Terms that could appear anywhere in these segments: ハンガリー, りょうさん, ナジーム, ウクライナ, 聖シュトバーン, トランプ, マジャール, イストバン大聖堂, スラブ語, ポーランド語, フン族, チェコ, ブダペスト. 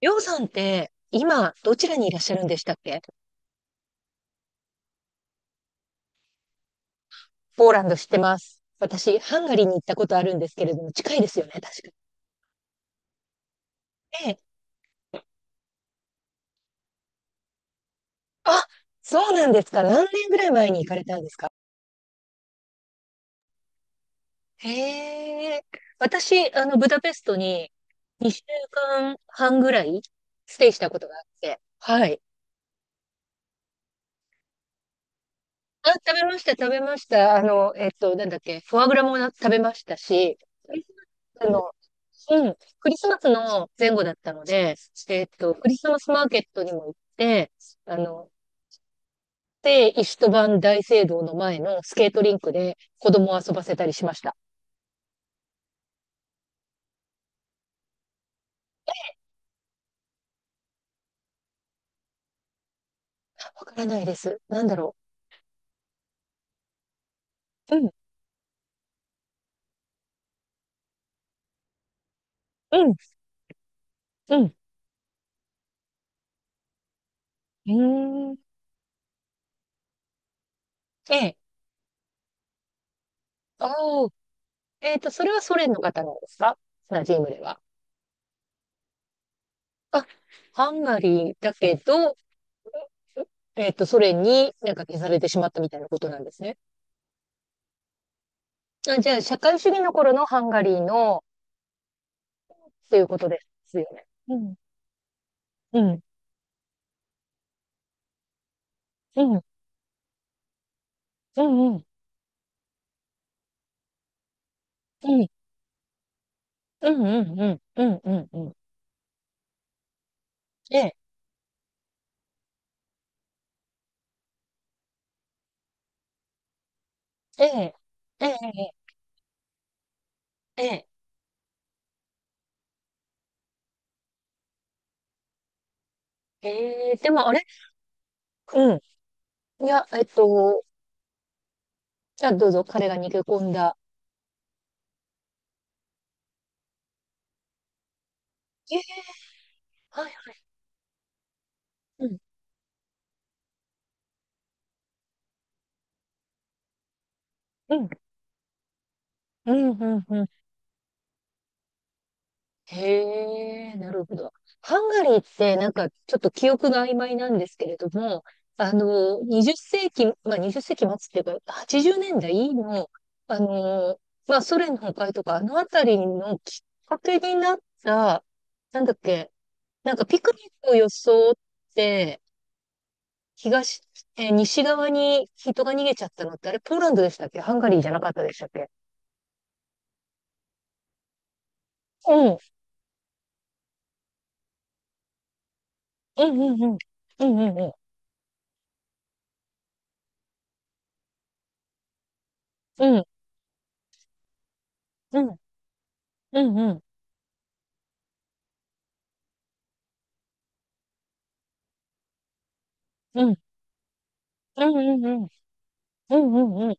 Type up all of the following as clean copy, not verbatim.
りょうさんって、今、どちらにいらっしゃるんでしたっけ？ポーランド知ってます。私、ハンガリーに行ったことあるんですけれども、近いですよね、確かに。ええ。あ、そうなんですか。何年ぐらい前に行かれたんですか？へえ。私、ブダペストに2週間半ぐらいステイしたことがあって、はい。あ、食べました、食べました。あの、えっと、なんだっけ、フォアグラもな食べましたし、クリスマスの、うん、クリスマスの前後だったので、クリスマスマーケットにも行って、あの、で、イストバン大聖堂の前のスケートリンクで子供を遊ばせたりしました。わからないです。なんだろう。うん、うん、うん。うーん。ええ。おえっと、それはソ連の方なんですか？ナジームでは。あ、ハンガリーだけど、ソ連になんか消されてしまったみたいなことなんですね。あ、じゃあ、社会主義の頃のハンガリーの、っていうことですよね。うん、うん、うん、うん、うん、うん、うん、うん、うん、うん、うん。うん、ええ、ええ、ええ、ええ、ええ、でもあれうん。いや、じゃあどうぞ、彼が逃げ込んだ。ええ、はい、はい。うん、うん、うん、うん、うん。へえ、なるほど。ハンガリーってなんかちょっと記憶が曖昧なんですけれども、20世紀、まあ20世紀末っていうか、80年代の、あの、まあソ連の崩壊とか、あのあたりのきっかけになった、なんだっけ、なんかピクニックを装って、東、西側に人が逃げちゃったのって、あれポーランドでしたっけ？ハンガリーじゃなかったでしたっけ？うん、うん、うん、うん、うん、うん、うん、うん、うん、うん、うん。うん、うん、うん、うん。うん、うん、うん。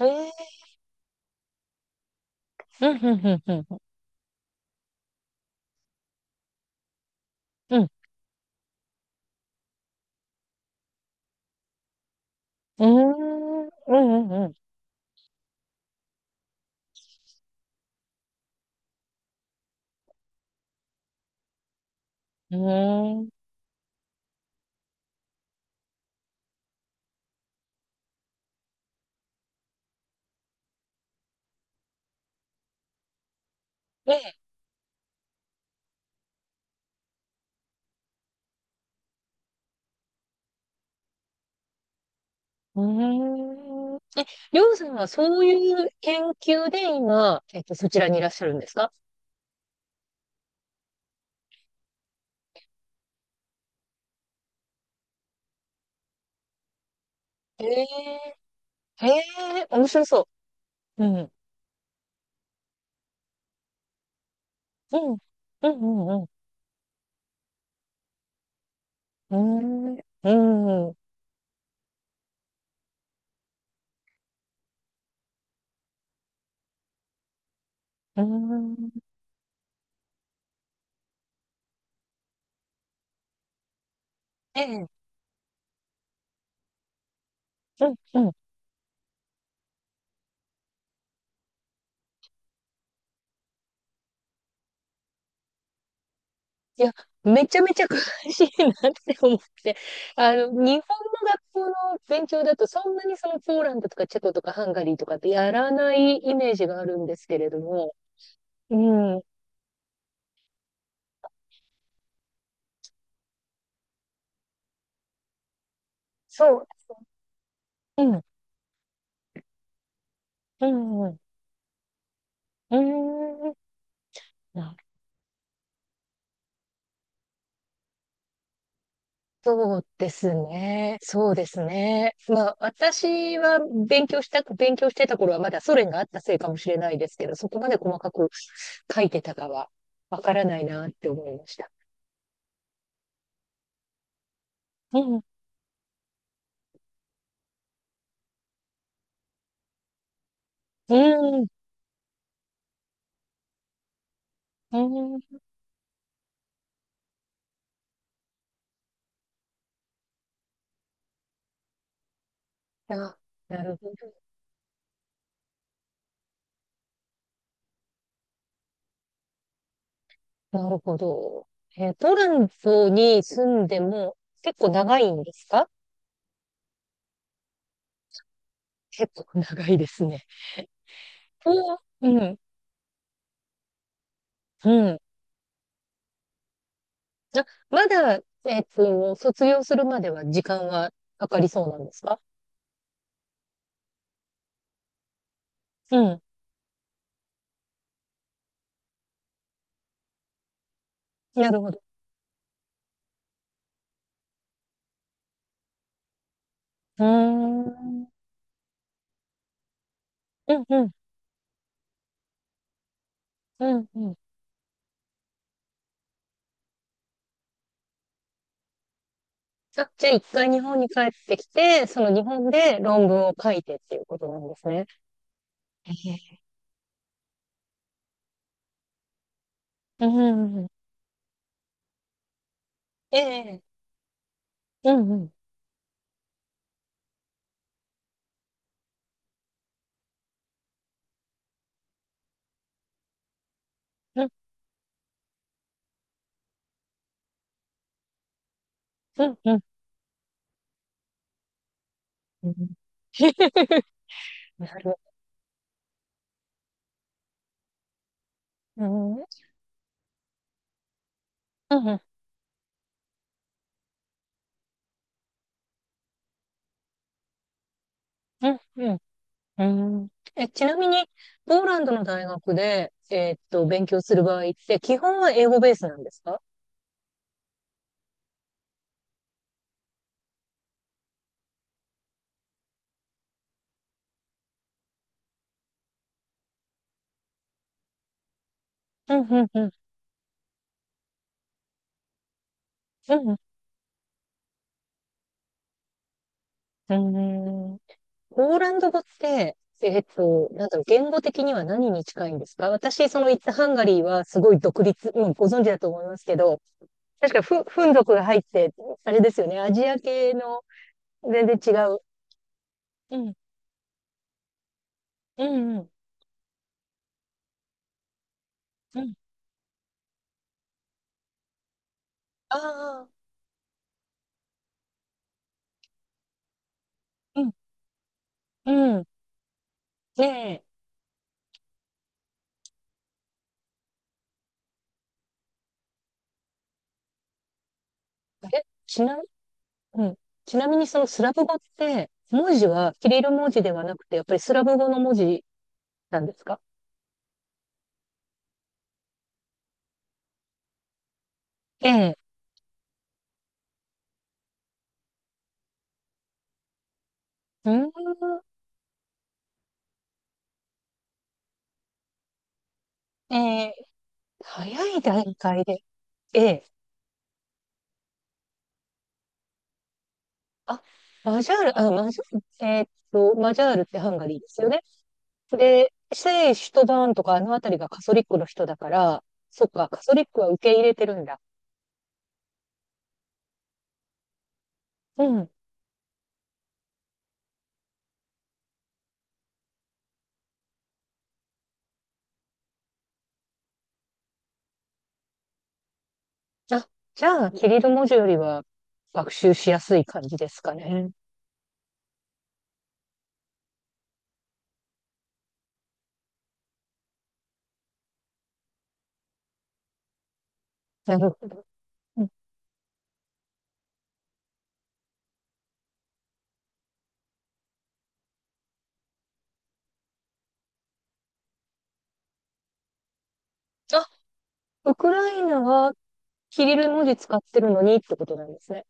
ええ、うん、うん、うん、うん、うん。うん。うーん。うん、うん、うん。うーん。ええ。うーん。りょうさんはそういう研究で今、そちらにいらっしゃるんですか？へえ、へえ面白そう。うん。うん。うん、うん、うん。うーん。うん。うーん。ええ。うん、うん。いや、めちゃめちゃ詳しいなって思って、日本の学校の勉強だと、そんなにそのポーランドとかチェコとかハンガリーとかってやらないイメージがあるんですけれども、うん、そう、うん、うん、うん、うーん、そうですね。そうですね。まあ、私は勉強してた頃はまだソ連があったせいかもしれないですけど、そこまで細かく書いてたかはわからないなって思いました。うん、うん、うん、あ、なるほど。なるほど。トランプに住んでも結構長いんですか？結構長いですね。おーうん、うん。あ、まだ、卒業するまでは時間はかかりそうなんですか？うん。なるほど。うーん。うん、うん、うん、うん。あ、じゃあ一回日本に帰ってきて、その日本で論文を書いてっていうことなんですね。ええ、うん、うん、うん、ええ、うん、うん、うん、うん、うん。なる、うん、うん、うん、うん、うん。え、ちなみに、ポーランドの大学で、勉強する場合って、基本は英語ベースなんですか？うん、うん、うん、うん、うん。ポーランド語って、なんだろう、言語的には何に近いんですか？私、その行ったハンガリーはすごい独立、うん、ご存知だと思いますけど、確かフン族が入って、あれですよね、アジア系の全然違う。うん、うん、うん、うん。ああ、うん、うん。で、え、ちな、うん。ちなみにそのスラブ語って、文字はキリル文字ではなくて、やっぱりスラブ語の文字なんですか？ええ。うーん。ええ、早い段階で。ええ。あ、マジャール、あ、マジャール、マジャールってハンガリーですよね。で、聖シュトバーンとかあの辺りがカソリックの人だから、そっか、カソリックは受け入れてるんだ。うん。あ、じゃあ、キリル文字よりは学習しやすい感じですかね。なるほど。うん、あ、ウクライナはキリル文字使ってるのにってことなんですね。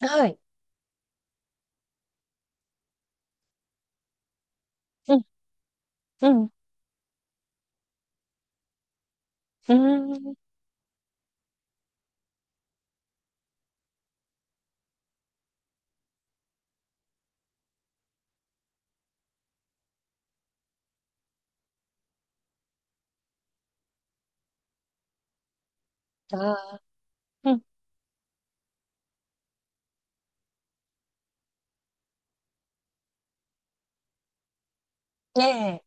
はい。うん、うん、うーん。ああ、うん。ええ、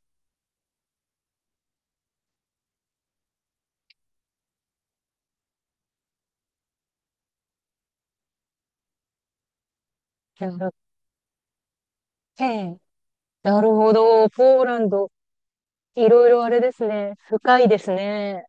なるほど、ええ。なるほど。ポーランド、いろいろあれですね。深いですね。